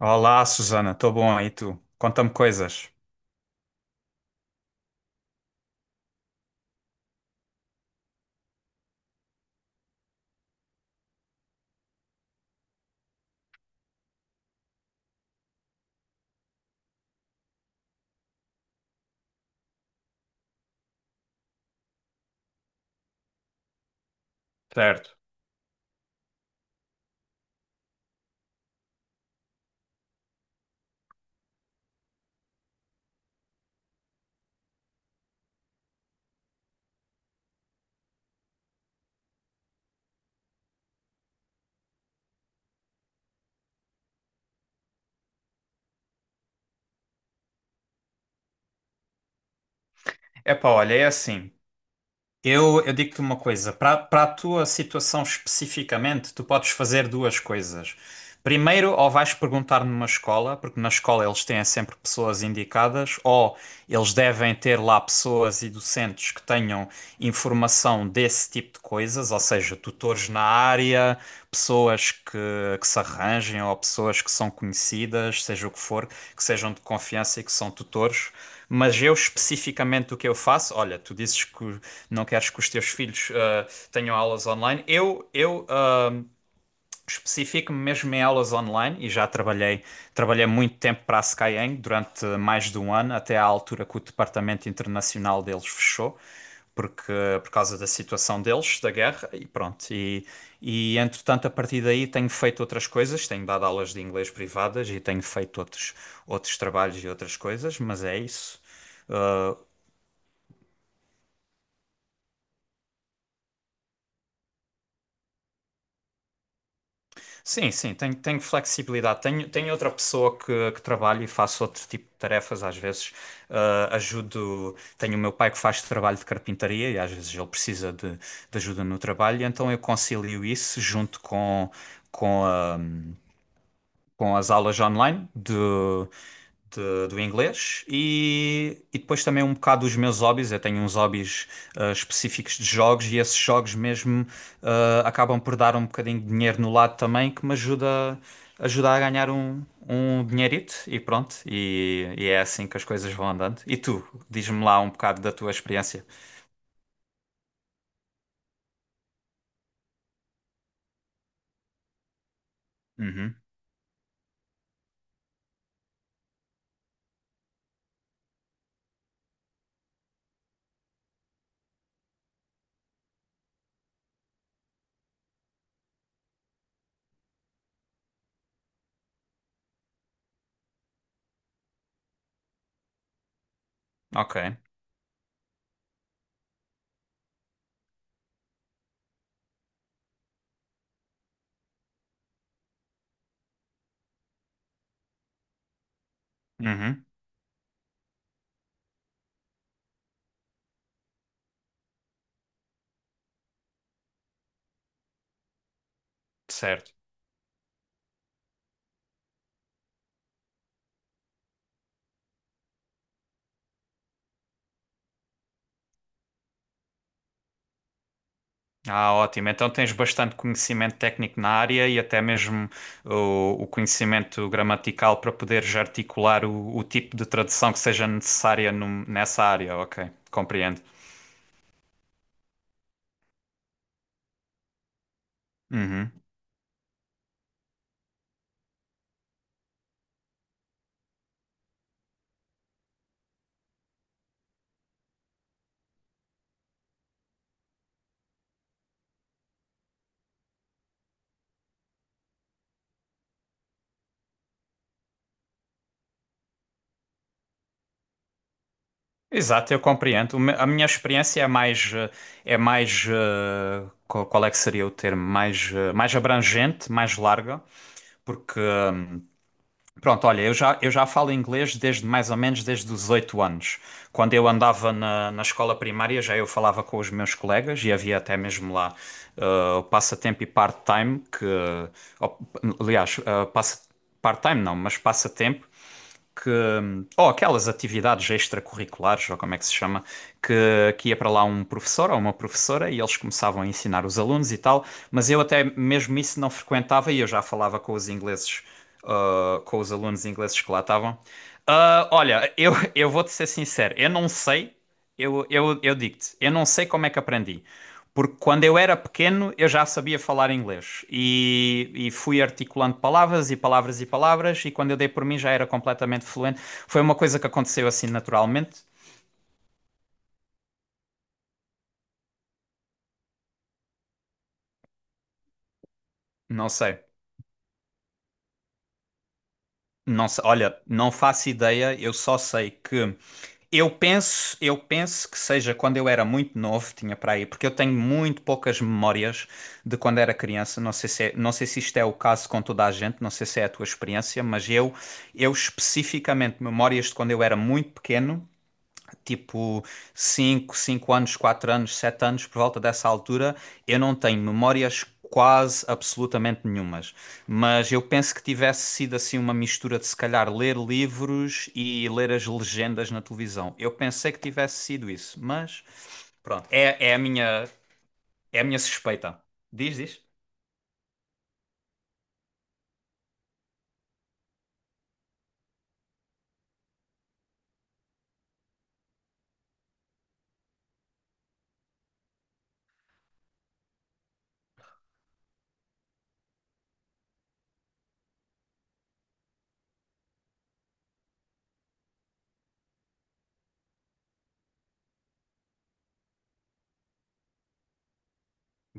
Olá, Susana, estou bom e tu? Conta-me coisas. Certo. Epá, olha, é assim. Eu digo-te uma coisa. Para a tua situação especificamente, tu podes fazer duas coisas. Primeiro, ou vais perguntar numa escola, porque na escola eles têm sempre pessoas indicadas, ou eles devem ter lá pessoas e docentes que tenham informação desse tipo de coisas, ou seja, tutores na área. Pessoas que se arranjem ou pessoas que são conhecidas, seja o que for, que sejam de confiança e que são tutores. Mas eu especificamente o que eu faço, olha, tu dizes que não queres que os teus filhos tenham aulas online. Eu especifico-me mesmo em aulas online e já trabalhei muito tempo para a Skyeng durante mais de um ano, até à altura que o departamento internacional deles fechou. Porque, por causa da situação deles, da guerra, e pronto. E entretanto, a partir daí, tenho feito outras coisas, tenho dado aulas de inglês privadas e tenho feito outros trabalhos e outras coisas, mas é isso. Sim, sim, tenho, tenho flexibilidade. Tenho, tenho outra pessoa que trabalho e faço outro tipo de tarefas. Às vezes ajudo. Tenho o meu pai que faz trabalho de carpintaria e às vezes ele precisa de ajuda no trabalho, e então eu concilio isso junto com a com as aulas online do inglês e depois também um bocado os meus hobbies. Eu tenho uns hobbies específicos de jogos e esses jogos mesmo acabam por dar um bocadinho de dinheiro no lado também que me ajuda a ganhar um dinheirito e pronto. E é assim que as coisas vão andando. E tu, diz-me lá um bocado da tua experiência. Uhum, ok. Uhum, certo. Ah, ótimo. Então tens bastante conhecimento técnico na área e até mesmo o conhecimento gramatical para poderes articular o tipo de tradução que seja necessária nessa área. Ok, compreendo. Uhum. Exato, eu compreendo. A minha experiência é mais, eh, qual é que seria o termo? Mais, eh, mais abrangente, mais larga, porque pronto, olha, eu já falo inglês desde mais ou menos desde os 8 anos. Quando eu andava na, na escola primária, já eu falava com os meus colegas e havia até mesmo lá o passatempo e part-time, que. Oh, aliás, part-time não, mas passatempo, que, ou aquelas atividades extracurriculares, ou como é que se chama, que ia para lá um professor ou uma professora e eles começavam a ensinar os alunos e tal, mas eu até mesmo isso não frequentava e eu já falava com os ingleses, com os alunos ingleses que lá estavam. Ah, olha, eu vou-te ser sincero, eu não sei. Eu digo-te, eu não sei como é que aprendi, porque quando eu era pequeno eu já sabia falar inglês e fui articulando palavras e palavras, e quando eu dei por mim já era completamente fluente. Foi uma coisa que aconteceu assim naturalmente. Não sei, não sei. Olha, não faço ideia, eu só sei que. Eu penso que seja quando eu era muito novo, tinha para aí, porque eu tenho muito poucas memórias de quando era criança. Não sei se é- não sei se isto é o caso com toda a gente, não sei se é a tua experiência, eu especificamente memórias de quando eu era muito pequeno tipo cinco anos, 4 anos, 7 anos, por volta dessa altura, eu não tenho memórias quase absolutamente nenhumas. Mas eu penso que tivesse sido assim uma mistura de se calhar ler livros e ler as legendas na televisão. Eu pensei que tivesse sido isso, mas pronto, é a minha suspeita. Diz, diz.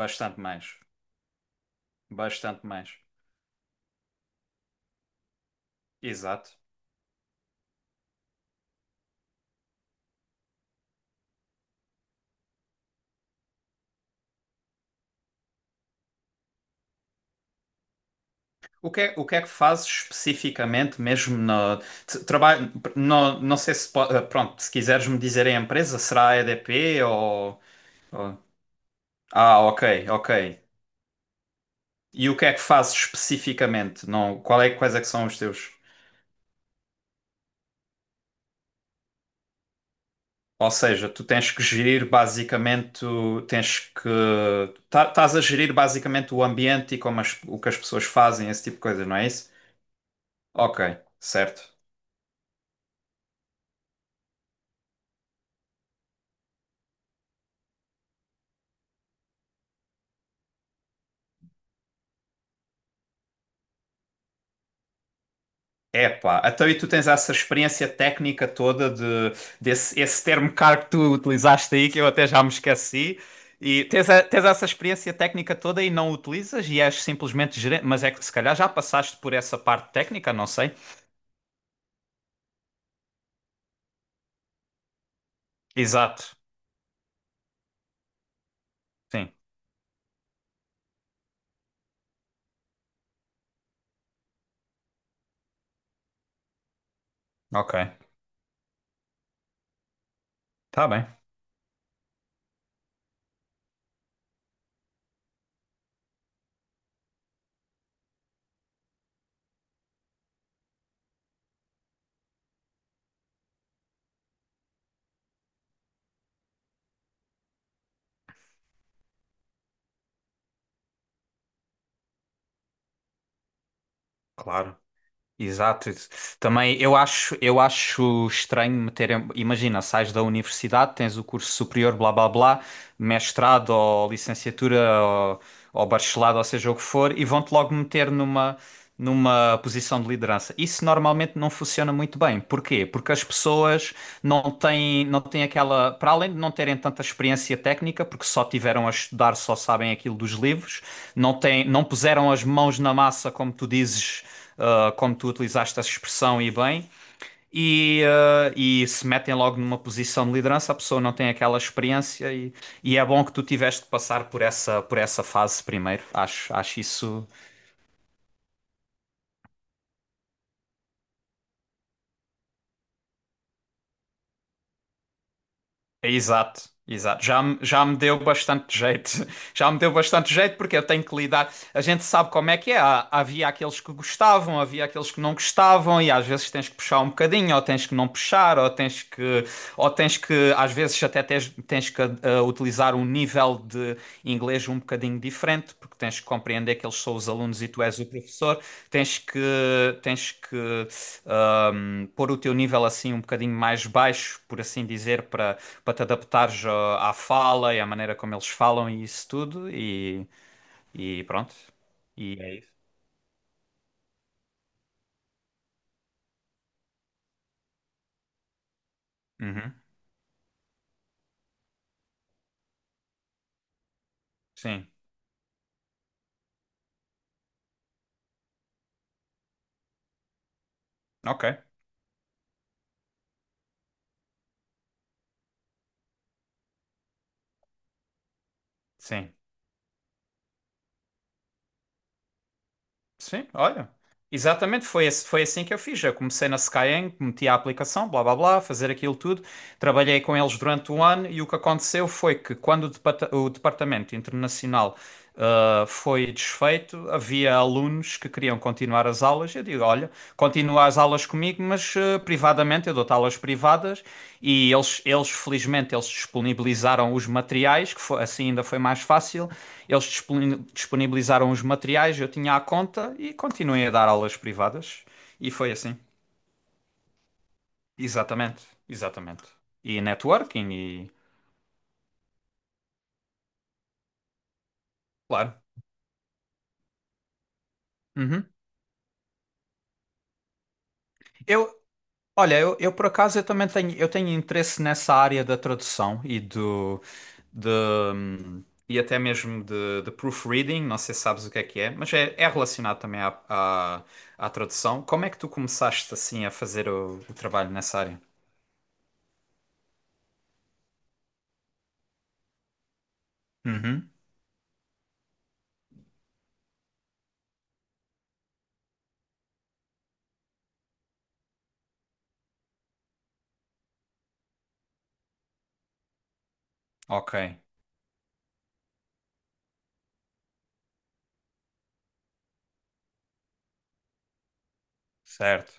Bastante mais. Bastante mais. Exato. O que é que fazes especificamente, mesmo no trabalho? No, não sei se po- eh, pronto, se quiseres me dizer a empresa, será a EDP ou- Ah, ok, ok. E o que é que fazes especificamente? Não, quais é que são os teus? Ou seja, tu tens que gerir basicamente, tu tens que estás a gerir basicamente o ambiente e como o que as pessoas fazem, esse tipo de coisa, não é isso? Ok, certo. Epá, então e tu tens essa experiência técnica toda de, desse esse termo caro que tu utilizaste aí, que eu até já me esqueci, e tens essa experiência técnica toda e não utilizas e és simplesmente gerente, mas é que se calhar já passaste por essa parte técnica, não sei. Exato, sim, ok, tá bem, claro. Exato. Isso. Também eu acho estranho meterem. Imagina, sais da universidade, tens o curso superior, blá blá blá, mestrado ou licenciatura ou, ou bacharelado, ou seja o que for, e vão-te logo meter numa numa posição de liderança. Isso normalmente não funciona muito bem. Porquê? Porque as pessoas não têm, não têm aquela, para além de não terem tanta experiência técnica, porque só tiveram a estudar, só sabem aquilo dos livros, não têm, não puseram as mãos na massa, como tu dizes, como tu utilizaste essa expressão e bem. E, ah, e se metem logo numa posição de liderança, a pessoa não tem aquela experiência e é bom que tu tiveste de passar por essa fase primeiro. Acho, acho isso. Exato, exato. Já me deu bastante jeito. Já me deu bastante jeito porque eu tenho que lidar. A gente sabe como é que é. Havia aqueles que gostavam, havia aqueles que não gostavam, e às vezes tens que puxar um bocadinho, ou tens que não puxar, ou tens que, às vezes até tens que utilizar um nível de inglês um bocadinho diferente, porque tens que compreender que eles são os alunos e tu és o professor. Tens que, tens que pôr o teu nível assim um bocadinho mais baixo, por assim dizer, para para te adaptares à fala e à maneira como eles falam e isso tudo, e pronto. E, é isso. Uhum, sim, ok, sim. Sim, olha. Exatamente, foi assim que eu fiz. Eu comecei na Skyeng, meti a aplicação, blá blá blá, fazer aquilo tudo. Trabalhei com eles durante um ano e o que aconteceu foi que quando o departamento internacional foi desfeito, havia alunos que queriam continuar as aulas. Digo, olha, continua as aulas comigo, mas eh, privadamente, eu dou-te aulas privadas e felizmente, eles disponibilizaram os materiais, que foi, assim ainda foi mais fácil, eles disponibilizaram os materiais, eu tinha a conta e continuei a dar aulas privadas. E foi assim. Exatamente, exatamente. E networking e... Claro. Uhum. Eu, olha, eu por acaso eu tenho interesse nessa área da tradução e do... de, e até mesmo de proofreading, não sei se sabes o que é, mas é, é relacionado também à, à, à tradução. Como é que tu começaste assim a fazer o trabalho nessa área? Uhum. Ok, certo.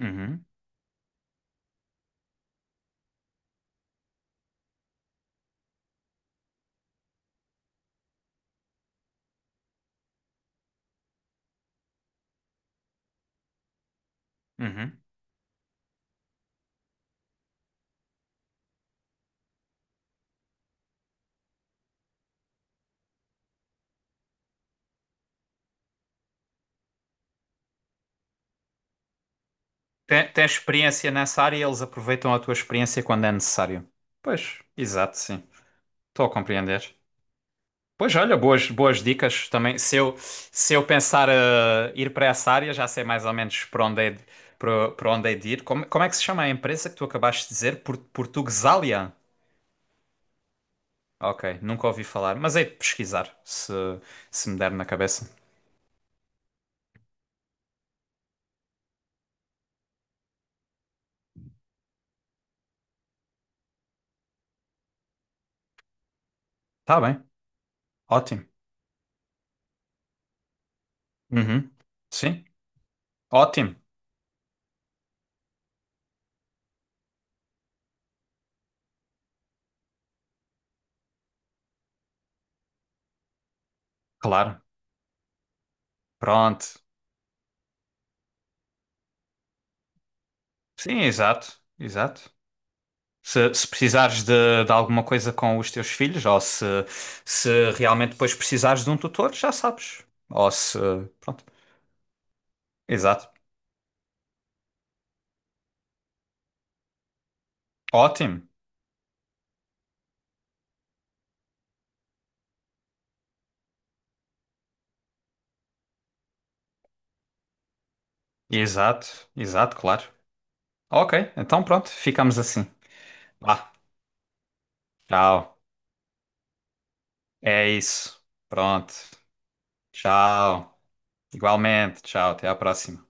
Uhum. Uhum. Tem, tens experiência nessa área e eles aproveitam a tua experiência quando é necessário. Pois, exato, sim. Estou a compreender. Pois olha, boas, boas dicas também. Se eu pensar eh, ir para essa área, já sei mais ou menos para onde é de, para, para onde é de ir. Como, como é que se chama a empresa que tu acabaste de dizer? Por, Portuguesalia? Ok, nunca ouvi falar, mas hei de pesquisar se, se me der na cabeça. Tá bem, ótimo. Uhum. Sim, ótimo, claro. Pronto. Sim, exato, exato. Se precisares de alguma coisa com os teus filhos, ou se realmente depois precisares de um tutor, já sabes. Ou se. Pronto. Exato. Ótimo. Exato. Exato, claro. Ok, então pronto, ficamos assim. Vá, tchau. É isso. Pronto. Tchau. Igualmente, tchau. Até à próxima.